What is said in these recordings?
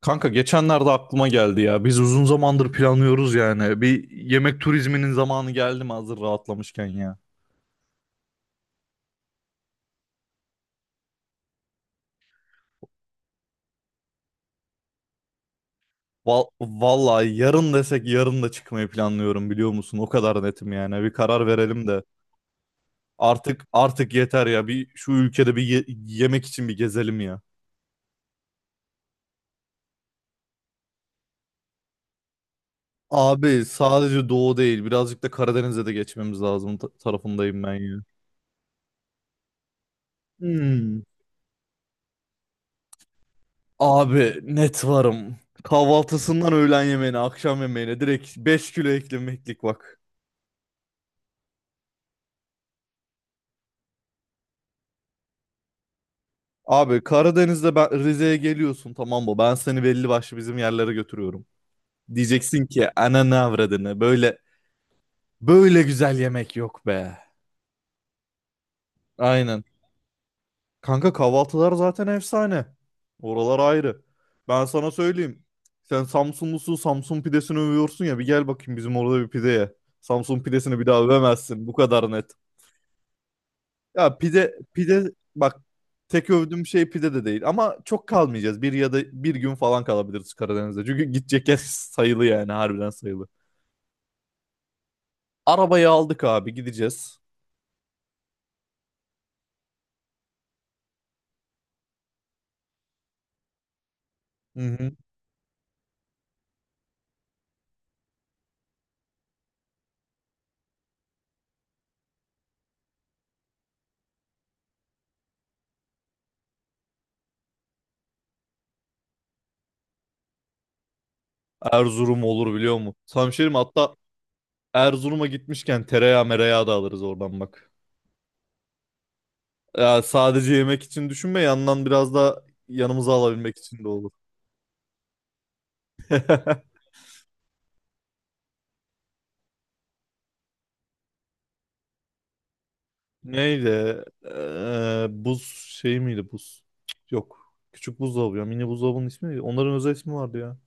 Kanka geçenlerde aklıma geldi ya. Biz uzun zamandır planlıyoruz yani. Bir yemek turizminin zamanı geldi mi hazır rahatlamışken ya. Vallahi yarın desek yarın da çıkmayı planlıyorum biliyor musun? O kadar netim yani. Bir karar verelim de. Artık yeter ya. Bir şu ülkede bir yemek için bir gezelim ya. Abi sadece doğu değil. Birazcık da Karadeniz'e de geçmemiz lazım tarafındayım ben ya. Hmm. Abi net varım. Kahvaltısından öğlen yemeğine, akşam yemeğine direkt 5 kilo eklemeklik bak. Abi Karadeniz'de ben Rize'ye geliyorsun tamam mı? Ben seni belli başlı bizim yerlere götürüyorum. Diyeceksin ki ana ananı avradını böyle böyle güzel yemek yok be. Aynen. Kanka kahvaltılar zaten efsane. Oralar ayrı. Ben sana söyleyeyim. Sen Samsunlusun, Samsun pidesini övüyorsun ya bir gel bakayım bizim orada bir pideye. Ye. Samsun pidesini bir daha övemezsin. Bu kadar net. Ya pide pide bak, tek övdüğüm şey pide de değil ama çok kalmayacağız. Bir ya da bir gün falan kalabiliriz Karadeniz'de. Çünkü gidecek yer sayılı yani harbiden sayılı. Arabayı aldık abi gideceğiz. Hı hı. Erzurum olur biliyor musun? Samşerim hatta Erzurum'a gitmişken tereyağı mereyağı da alırız oradan bak. Ya sadece yemek için düşünme, yandan biraz da yanımıza alabilmek için de olur. Neydi? Buz şey miydi buz? Yok. Küçük buzdolabı ya. Mini buzdolabının ismi neydi? Onların özel ismi vardı ya.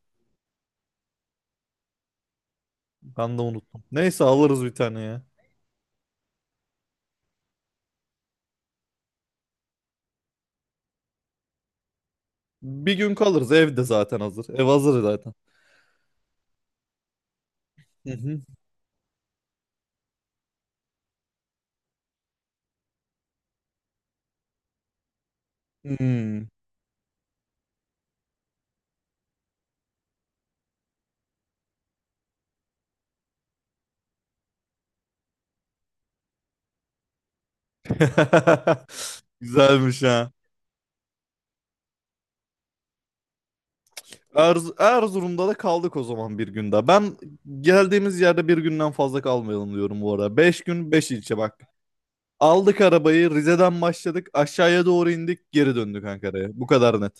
Ben de unuttum. Neyse alırız bir tane ya. Bir gün kalırız. Ev de zaten hazır. Ev hazır zaten. Hı hı. Hmm. Güzelmiş ha. Erzurum'da da kaldık o zaman bir gün daha. Ben geldiğimiz yerde bir günden fazla kalmayalım diyorum bu arada. 5 gün 5 ilçe bak. Aldık arabayı, Rize'den başladık aşağıya doğru indik, geri döndük Ankara'ya. Bu kadar net.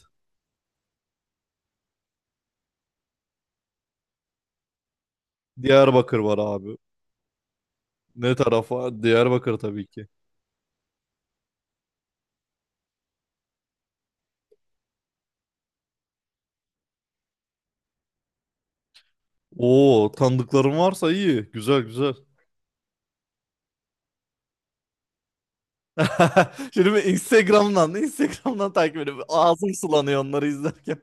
Diyarbakır var abi. Ne tarafa? Diyarbakır tabii ki. Oo, tanıdıklarım varsa iyi. Güzel güzel. Şimdi bir Instagram'dan takip ediyorum. Ağzım sulanıyor onları izlerken.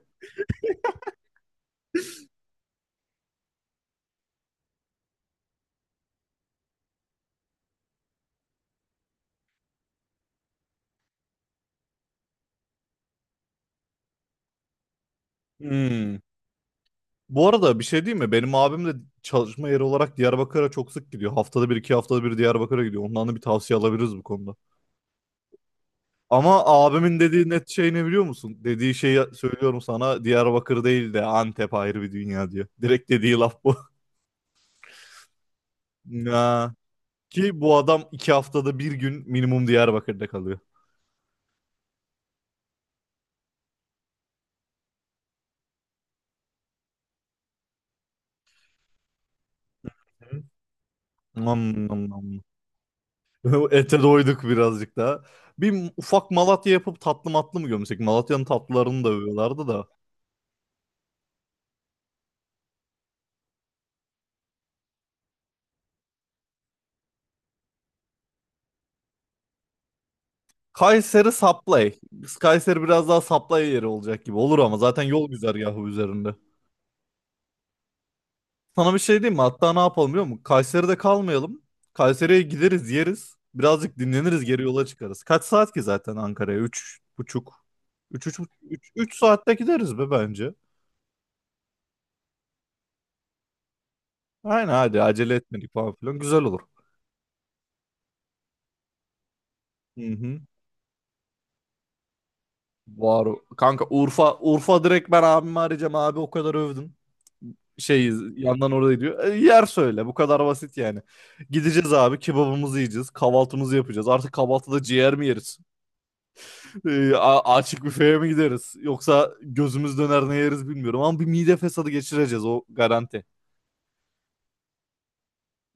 Hmm. Bu arada bir şey diyeyim mi? Benim abim de çalışma yeri olarak Diyarbakır'a çok sık gidiyor. Haftada bir, iki haftada bir Diyarbakır'a gidiyor. Ondan da bir tavsiye alabiliriz bu konuda. Ama abimin dediği net şey ne biliyor musun? Dediği şeyi söylüyorum sana. Diyarbakır değil de Antep ayrı bir dünya diyor. Direkt dediği laf bu. Ya. Ki bu adam iki haftada bir gün minimum Diyarbakır'da kalıyor. Hı. Nam nam nam. Ete doyduk birazcık daha. Bir ufak Malatya yapıp tatlı matlı mı gömsek? Malatya'nın tatlılarını da övüyorlardı da. Kayseri Saplay. Kayseri biraz daha Saplay yeri olacak gibi olur ama zaten yol güzergahı üzerinde. Sana bir şey diyeyim mi? Hatta ne yapalım biliyor musun? Kayseri'de kalmayalım. Kayseri'ye gideriz, yeriz. Birazcık dinleniriz, geri yola çıkarız. Kaç saat ki zaten Ankara'ya? 3,5. Üç, üç, üç saatte gideriz be bence. Aynen, hadi acele etmedik falan filan, güzel olur. Hı hı. Var. Kanka, Urfa Urfa, direkt ben abimi arayacağım, abi o kadar övdün. Şey yandan orada diyor. Yer söyle, bu kadar basit yani. Gideceğiz abi, kebabımızı yiyeceğiz, kahvaltımızı yapacağız. Artık kahvaltıda ciğer mi yeriz? Açık büfeye mi gideriz? Yoksa gözümüz döner ne yeriz bilmiyorum ama bir mide fesadı geçireceğiz, o garanti.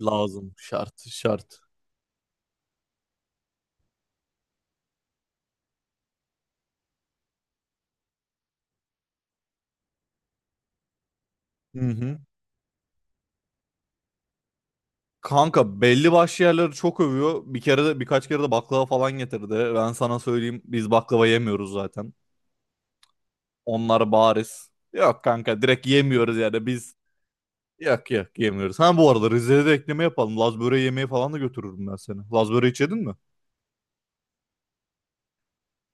Lazım, şart şart. Hı hı. Kanka belli başlı yerleri çok övüyor. Bir kere de, birkaç kere de baklava falan getirdi. Ben sana söyleyeyim, biz baklava yemiyoruz zaten. Onlar bariz. Yok kanka, direkt yemiyoruz yani biz. Yok yok, yemiyoruz. Ha bu arada Rize'de de ekleme yapalım. Laz böreği yemeği falan da götürürüm ben seni. Laz böreği hiç yedin mi?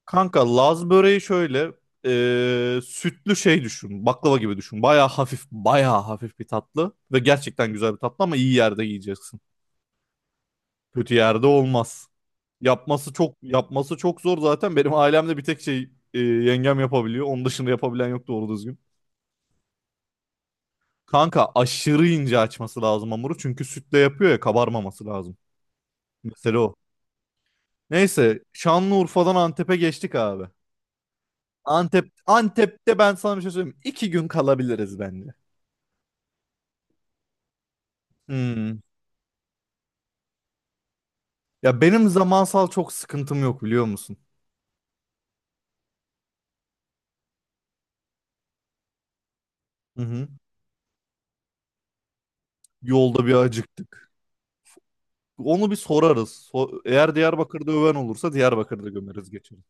Kanka Laz böreği şöyle sütlü şey düşün. Baklava gibi düşün. Baya hafif, baya hafif bir tatlı. Ve gerçekten güzel bir tatlı ama iyi yerde yiyeceksin. Kötü yerde olmaz. Yapması çok, yapması çok zor zaten. Benim ailemde bir tek yengem yapabiliyor. Onun dışında yapabilen yok doğru düzgün. Kanka aşırı ince açması lazım hamuru. Çünkü sütle yapıyor ya, kabarmaması lazım. Mesela o. Neyse, Şanlıurfa'dan Antep'e geçtik abi. Antep'te ben sana bir şey söyleyeyim mi? 2 gün kalabiliriz bence. Hmm. Ya benim zamansal çok sıkıntım yok biliyor musun? Hı hı. Yolda bir acıktık. Onu bir sorarız. Eğer Diyarbakır'da öven olursa Diyarbakır'da gömeriz geçeriz.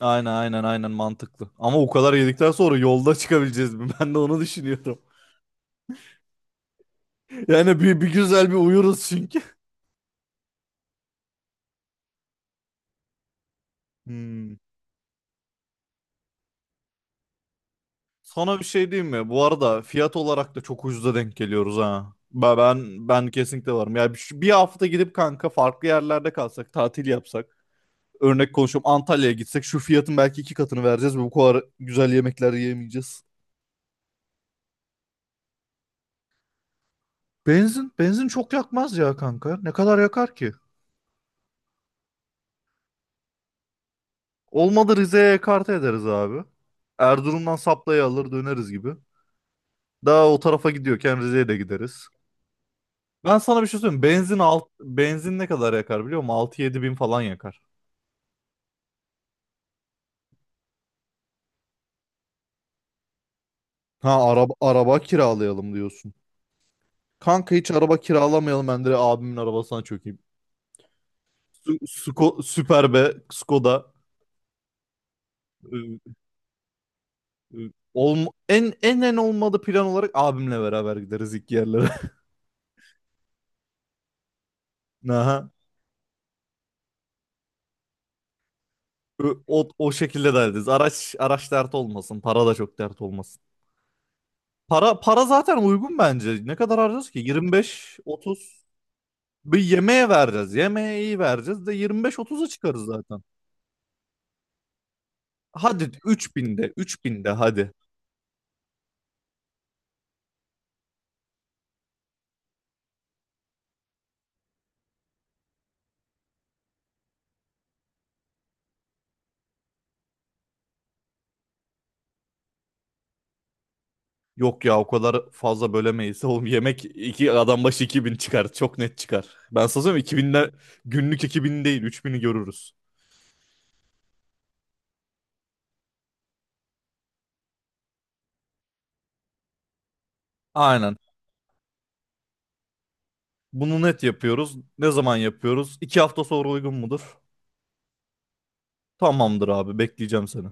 Aynen aynen aynen, mantıklı. Ama o kadar yedikten sonra yolda çıkabileceğiz mi? Ben de onu düşünüyorum. Yani bir güzel bir uyuruz çünkü. Hmm. Sana bir şey diyeyim mi? Bu arada fiyat olarak da çok ucuza denk geliyoruz ha. Ben kesinlikle varım. Ya bir hafta gidip kanka farklı yerlerde kalsak, tatil yapsak. Örnek konuşuyorum, Antalya'ya gitsek şu fiyatın belki 2 katını vereceğiz ve bu kadar güzel yemekler yiyemeyeceğiz. Benzin çok yakmaz ya kanka. Ne kadar yakar ki? Olmadı Rize'ye ekarte ederiz abi. Erzurum'dan saplayı alır döneriz gibi. Daha o tarafa gidiyorken Rize'ye de gideriz. Ben sana bir şey söyleyeyim. Benzin ne kadar yakar biliyor musun? 6 7 bin falan yakar. Ha araba kiralayalım diyorsun. Kanka hiç araba kiralamayalım, ben direkt abimin arabasına çökeyim. Süper be Skoda. Ee, e, Olm en en en olmadı, plan olarak abimle beraber gideriz ilk yerlere. Aha. O şekilde derdiniz. Araç dert olmasın. Para da çok dert olmasın. Para zaten uygun bence. Ne kadar harcıyoruz ki? 25 30 bir yemeğe vereceğiz. Yemeğe iyi vereceğiz de 25 30'a çıkarız zaten. Hadi 3000'de 3000'de hadi. Yok ya, o kadar fazla bölemeyiz. Oğlum yemek iki adam başı 2000 çıkar. Çok net çıkar. Ben sana söyleyeyim, 2000'de günlük, 2000 değil 3000'i görürüz. Aynen. Bunu net yapıyoruz. Ne zaman yapıyoruz? 2 hafta sonra uygun mudur? Tamamdır abi, bekleyeceğim seni.